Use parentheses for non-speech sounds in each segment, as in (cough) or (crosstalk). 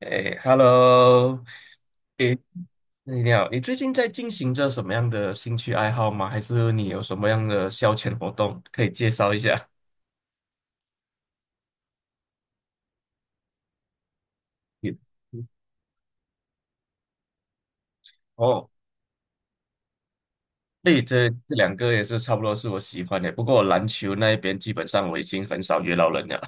哎，Hello，哎，你好，你最近在进行着什么样的兴趣爱好吗？还是你有什么样的消遣活动可以介绍一下？(laughs) 你哦，对，这两个也是差不多是我喜欢的，不过篮球那一边基本上我已经很少约到人了。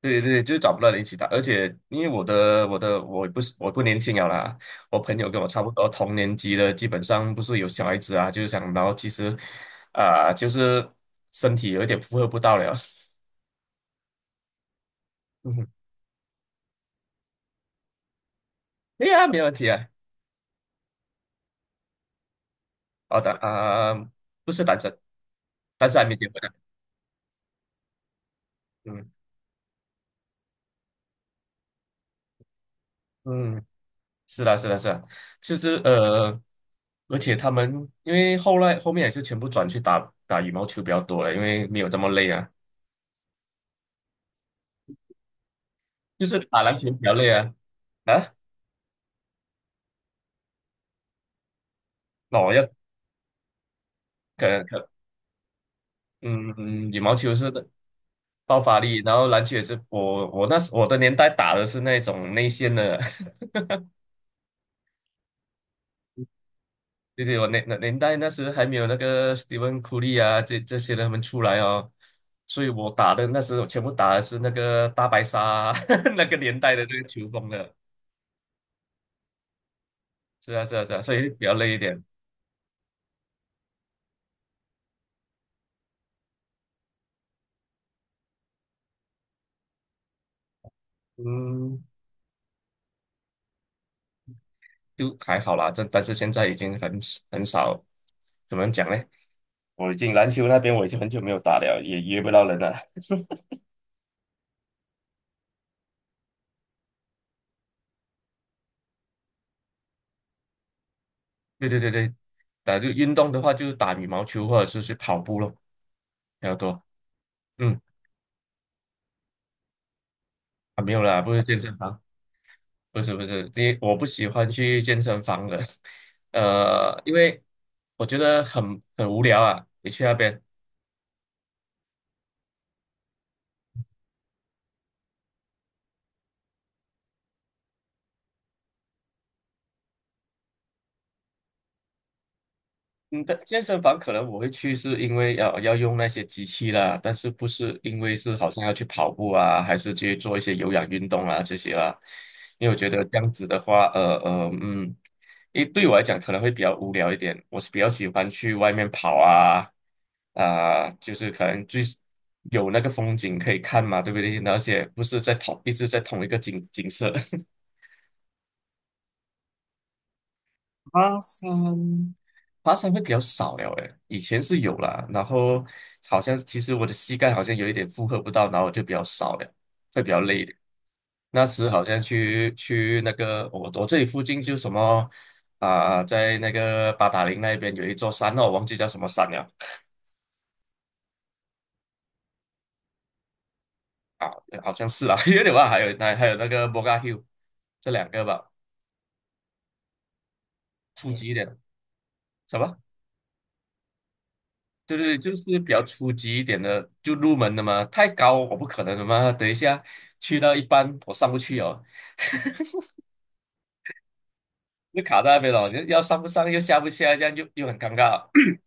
对对，就是找不到人一起打，而且因为我的我的我不是我不年轻了啦，我朋友跟我差不多同年级的，基本上不是有小孩子啊，就是想，然后其实啊、就是身体有一点负荷不到了，(laughs) 嗯哼，对呀，没问题啊，好的啊、不是单身，但是还没结婚呢、嗯嗯，是啦是啦是啦，就是而且他们因为后来后面也是全部转去打打羽毛球比较多了，因为没有这么累啊，就是打篮球比较累啊啊。那我要可能可嗯羽毛球是爆发力，然后篮球也是我那时我的年代打的是那种内线的，(laughs) 就是我那年代那时还没有那个 Stephen Curry 啊这些人他们出来哦，所以我打的那时我全部打的是那个大白鲨啊 (laughs) 那个年代的那个球风的，是啊是啊是啊，所以比较累一点，嗯，就还好啦，这但是现在已经很少，怎么讲呢？我已经篮球那边我已经很久没有打了，也约不到人了。对对对对，打就运动的话，就是打羽毛球或者是去跑步咯，比较多。嗯，啊没有啦，不是健身房，不是不是，因为我不喜欢去健身房的，(laughs) 因为我觉得很无聊啊，你去那边，嗯，但健身房可能我会去，是因为要要用那些机器啦，但是不是因为是好像要去跑步啊，还是去做一些有氧运动啊这些啦？因为我觉得这样子的话，因为对我来讲可能会比较无聊一点，我是比较喜欢去外面跑啊，啊、就是可能最有那个风景可以看嘛，对不对？而且不是在同一直在同一个景景色，爬山，爬山会比较少了诶，以前是有啦，然后好像其实我的膝盖好像有一点负荷不到，然后我就比较少了，会比较累一点。那时好像去那个我这里附近就什么啊、在那个八达岭那边有一座山哦，我忘记叫什么山了啊，好像是啦，(laughs) 有点忘了还有那个 Boga Hill,这两个吧，初级一点什么？对对对，就是比较初级一点的，就入门的嘛，太高我不可能的嘛。等一下去到一半我上不去哦，就卡在那边了，要上不上又下不下，这样又又很尴尬。(coughs)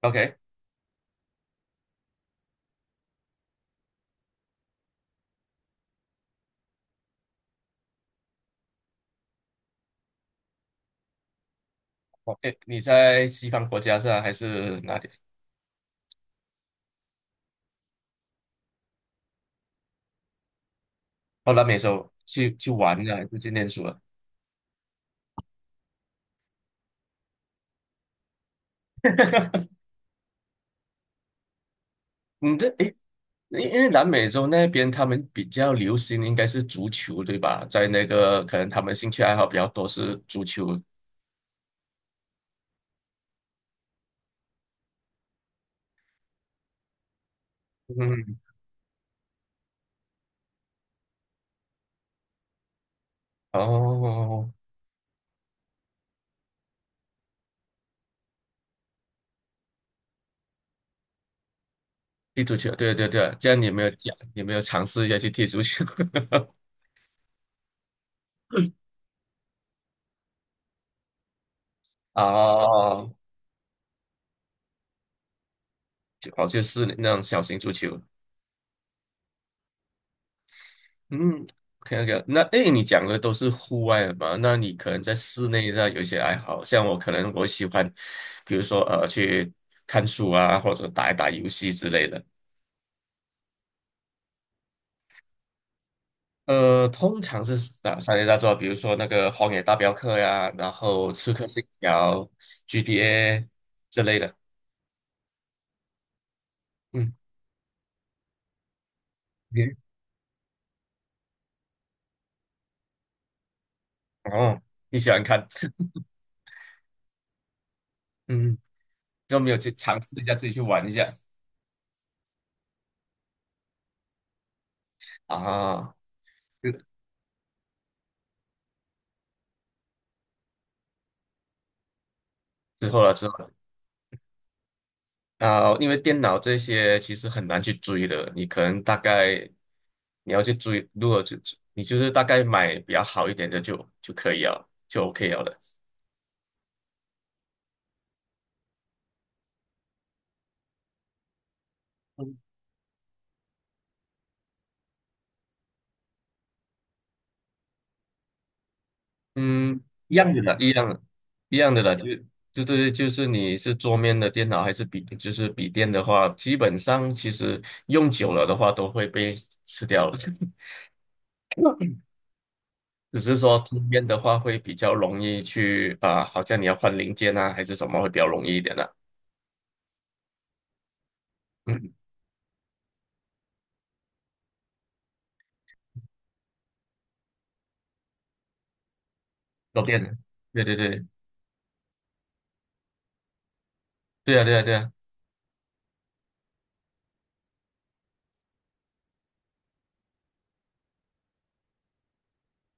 (clears throat) OK,哦，哎，你在西方国家是啊，还是哪里？哦，南美洲去玩了，还是去念书了？你这哎，因为南美洲那边他们比较流行应该是足球，对吧？在那个可能他们兴趣爱好比较多是足球。嗯，哦，踢足球，对对对，这样你有没有讲，你有没有尝试一下去踢足球？(laughs) 哦，就哦，就是那种小型足球。嗯，OK OK,那诶，你讲的都是户外的嘛？那你可能在室内上有一些爱好，像我可能我喜欢，比如说去看书啊，或者打一打游戏之类的。通常是哪三类大作？比如说那个《荒野大镖客》呀，然后《刺客信条》、GTA 之类的。嗯，你哦，你喜欢看？(laughs) 嗯，都没有去尝试一下，自己去玩一下啊。就之后了之后了啊，因为电脑这些其实很难去追的，你可能大概你要去追，如果就你就是大概买比较好一点的就可以了，就 OK 了的。嗯，一样的啦，一样的，一样的啦，对，就是你是桌面的电脑还是笔，就是笔电的话，基本上其实用久了的话都会被吃掉了。(laughs) 只是说这边的话会比较容易去啊、好像你要换零件啊，还是什么会比较容易一点的、嗯，都变的。对对对，对啊对啊对啊，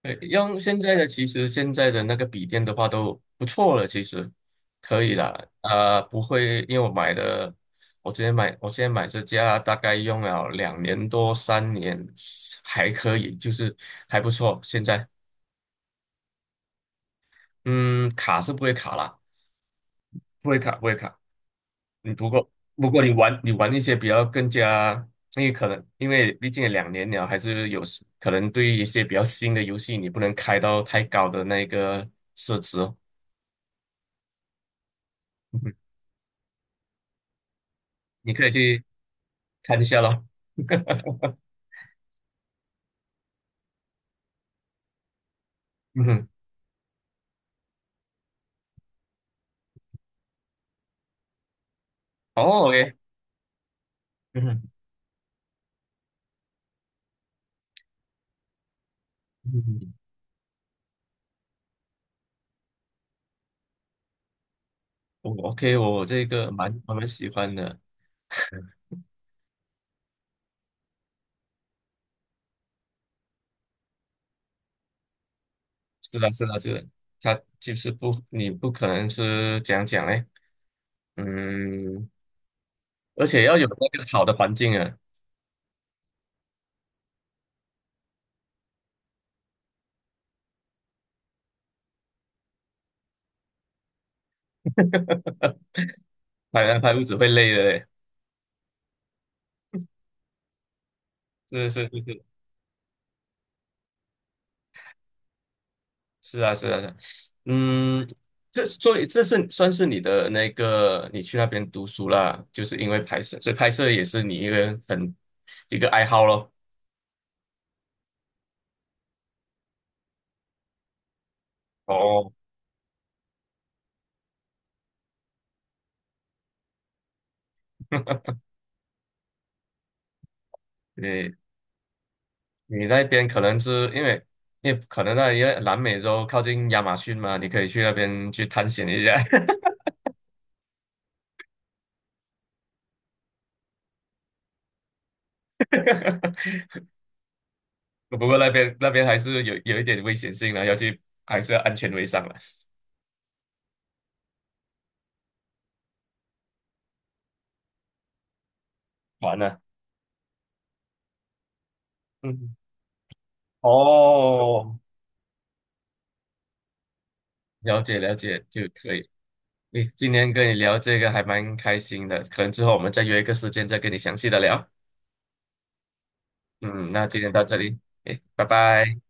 用现在的其实现在的那个笔电的话都不错了，其实可以啦。啊，不会，因为我买的，我之前买，我现在买这家大概用了两年多三年，还可以，就是还不错。现在，嗯，卡是不会卡啦，不会卡，不会卡。你不过不过你玩一些比较更加，因为可能因为毕竟也两年了，还是有时可能对于一些比较新的游戏，你不能开到太高的那个设置哦。嗯哼你可以去看一下咯。嗯哼，哦，OK,嗯哼，嗯，我 OK,我这个蛮我蛮喜欢的。是的，是的，是的，它就是不，你不可能是讲讲嘞，嗯，而且要有那个好的环境啊，(laughs) 拍来拍屋子会累的嘞。是是是。是啊，是啊，是啊嗯，这所以这是算是你的那个，你去那边读书啦，就是因为拍摄，所以拍摄也是你一个很一个爱好咯。哦，你你那边可能是因为，因为可能那因为南美洲靠近亚马逊嘛，你可以去那边去探险一下。(laughs) 不过那边那边还是有有一点危险性的，要去还是要安全为上了，完了。嗯，哦，了解了解就可以。你今天跟你聊这个还蛮开心的，可能之后我们再约一个时间再跟你详细的聊。嗯，那今天到这里，诶，拜拜。